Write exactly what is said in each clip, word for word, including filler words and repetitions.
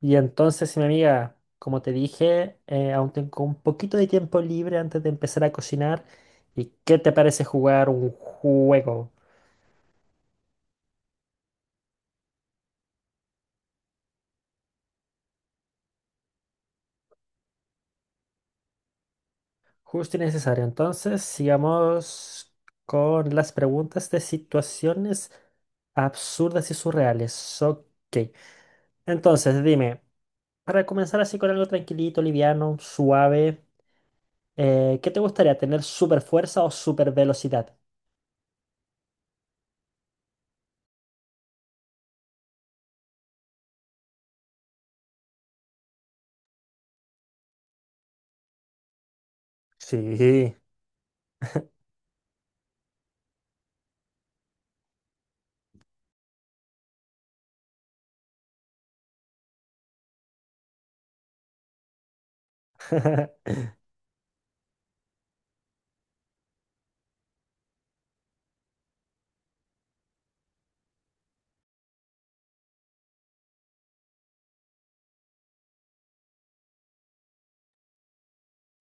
Y entonces, mi amiga, como te dije, eh, aún tengo un poquito de tiempo libre antes de empezar a cocinar. ¿Y qué te parece jugar un juego? Justo y necesario. Entonces, sigamos con las preguntas de situaciones absurdas y surreales. Ok. Entonces, dime, para comenzar así con algo tranquilito, liviano, suave, eh, ¿qué te gustaría tener? ¿Super fuerza o super velocidad? Sí.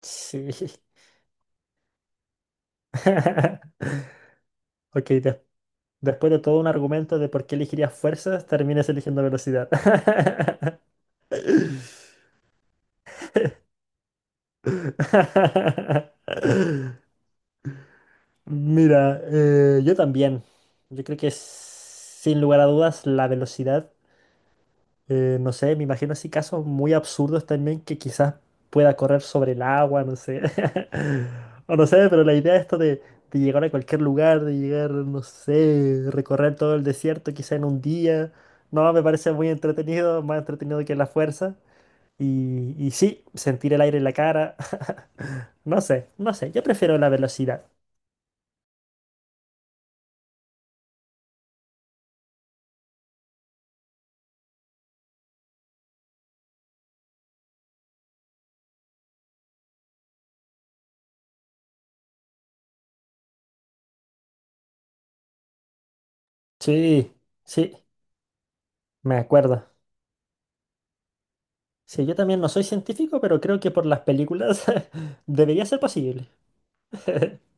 Sí. Ok, des- Después de todo un argumento de por qué elegirías fuerzas, terminas eligiendo velocidad. Mira, eh, yo también. Yo creo que sin lugar a dudas la velocidad. Eh, no sé, me imagino así casos muy absurdos también que quizás pueda correr sobre el agua, no sé. O no sé, pero la idea esto de, de llegar a cualquier lugar, de llegar, no sé, recorrer todo el desierto quizá en un día, no, me parece muy entretenido, más entretenido que la fuerza. Y, y sí, sentir el aire en la cara, no sé, no sé, yo prefiero la velocidad. Sí, sí, me acuerdo. Sí, yo también no soy científico, pero creo que por las películas debería ser posible.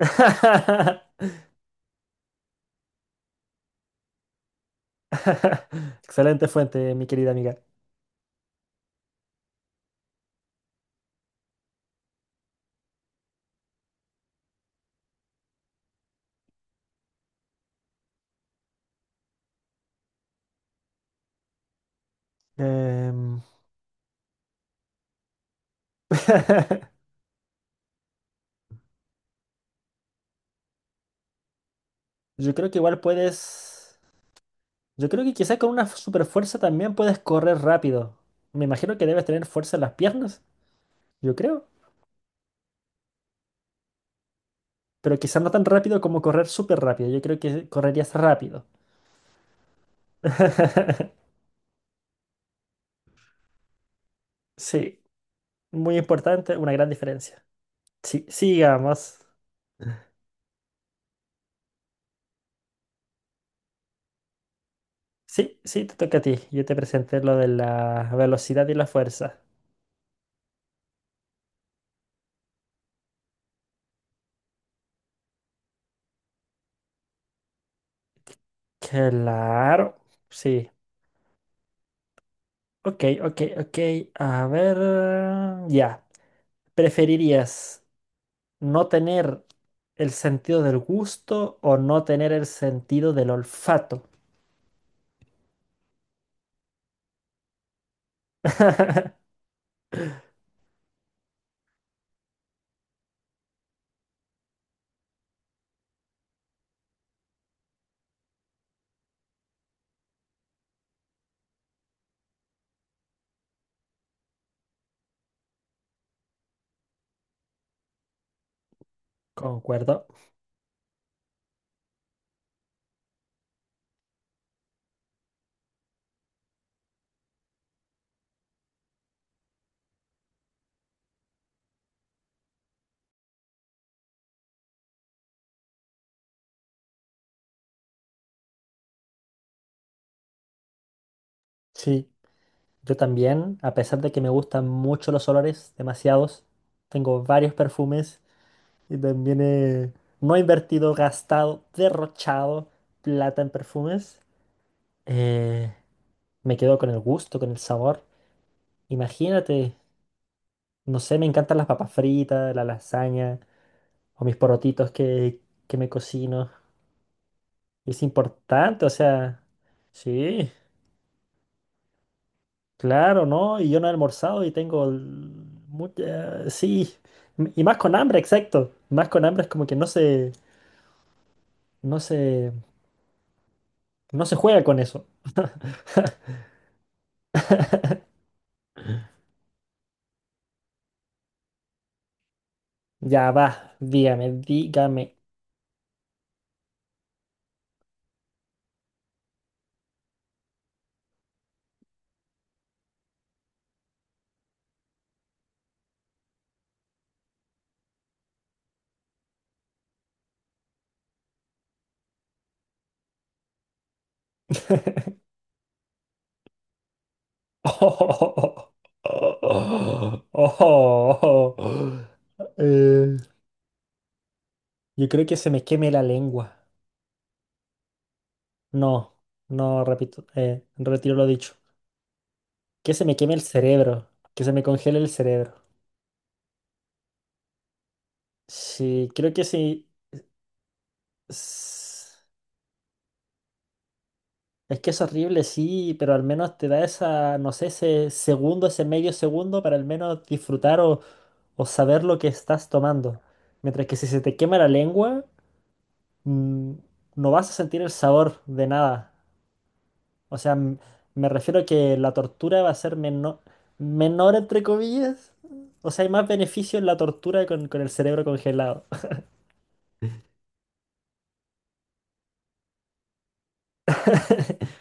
Excelente fuente, mi querida amiga. Em, yo creo que igual puedes. Yo creo que quizás con una super fuerza también puedes correr rápido. Me imagino que debes tener fuerza en las piernas, yo creo. Pero quizás no tan rápido como correr súper rápido. Yo creo que correrías rápido. Sí, muy importante, una gran diferencia. Sí, sigamos. Sí, sí, te toca a ti. Yo te presenté lo de la velocidad y la fuerza. Claro, sí. Ok, ok, ok. A ver, ya. ¿Preferirías no tener el sentido del gusto o no tener el sentido del olfato? Concuerdo. Sí, yo también, a pesar de que me gustan mucho los olores, demasiados, tengo varios perfumes y también he no he invertido, gastado, derrochado plata en perfumes. Eh, me quedo con el gusto, con el sabor. Imagínate. No sé, me encantan las papas fritas, la lasaña o mis porotitos que, que me cocino. Es importante, o sea, sí, claro, ¿no? Y yo no he almorzado y tengo el- mucha, sí, m- y más con hambre, exacto. Más con hambre es como que no se, no se, no se juega con eso. Ya va, dígame, dígame. Oh, oh, oh, oh. Eh, yo creo que se me queme la lengua. No, no, repito, eh, retiro lo dicho. Que se me queme el cerebro, que se me congele el cerebro. Sí, creo que sí. s- Es que es horrible, sí, pero al menos te da esa, no sé, ese segundo, ese medio segundo para al menos disfrutar o, o saber lo que estás tomando. Mientras que si se te quema la lengua, mm, no vas a sentir el sabor de nada. O sea, m- me refiero a que la tortura va a ser menor, menor entre comillas. O sea, hay más beneficio en la tortura con, con el cerebro congelado.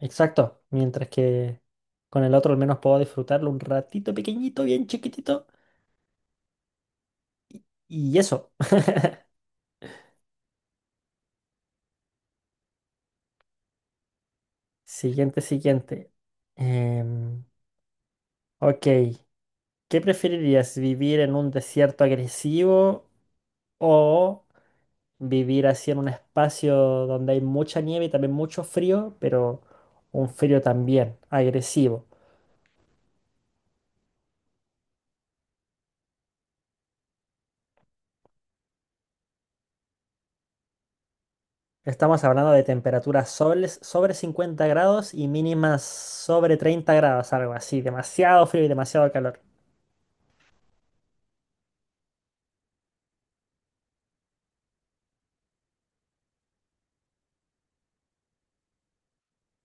Exacto. Mientras que con el otro al menos puedo disfrutarlo un ratito pequeñito, bien chiquitito. Y eso. Siguiente, siguiente. Em, ok. ¿Qué preferirías? ¿Vivir en un desierto agresivo o vivir así en un espacio donde hay mucha nieve y también mucho frío, pero un frío también agresivo? Estamos hablando de temperaturas sobre, sobre cincuenta grados y mínimas sobre treinta grados, algo así, demasiado frío y demasiado calor.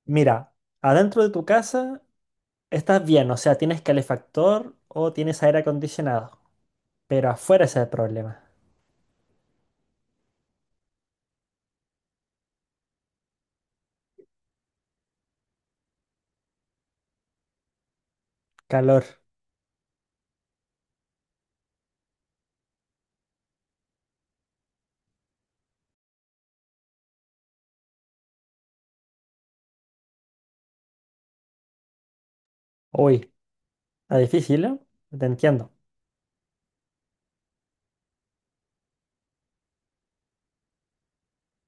Mira, adentro de tu casa estás bien, o sea, tienes calefactor o tienes aire acondicionado, pero afuera ese es el problema. Calor. Uy, está difícil, ¿eh? Te entiendo.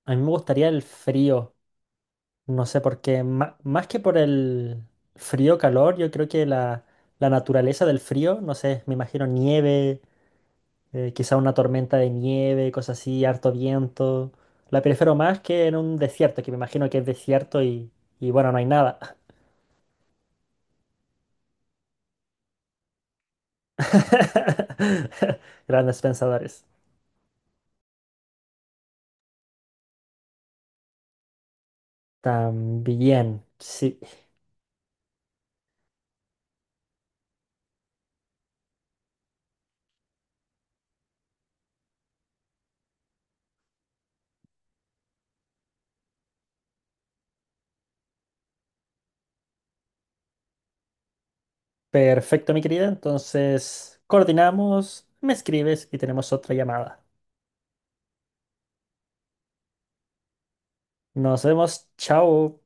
A mí me gustaría el frío. No sé por qué, ma- más que por el frío, calor, yo creo que la, la naturaleza del frío, no sé, me imagino nieve, eh, quizá una tormenta de nieve, cosas así, harto viento. La prefiero más que en un desierto, que me imagino que es desierto y, y bueno, no hay nada. Grandes pensadores. También, sí. Perfecto, mi querida. Entonces, coordinamos, me escribes y tenemos otra llamada. Nos vemos. Chao.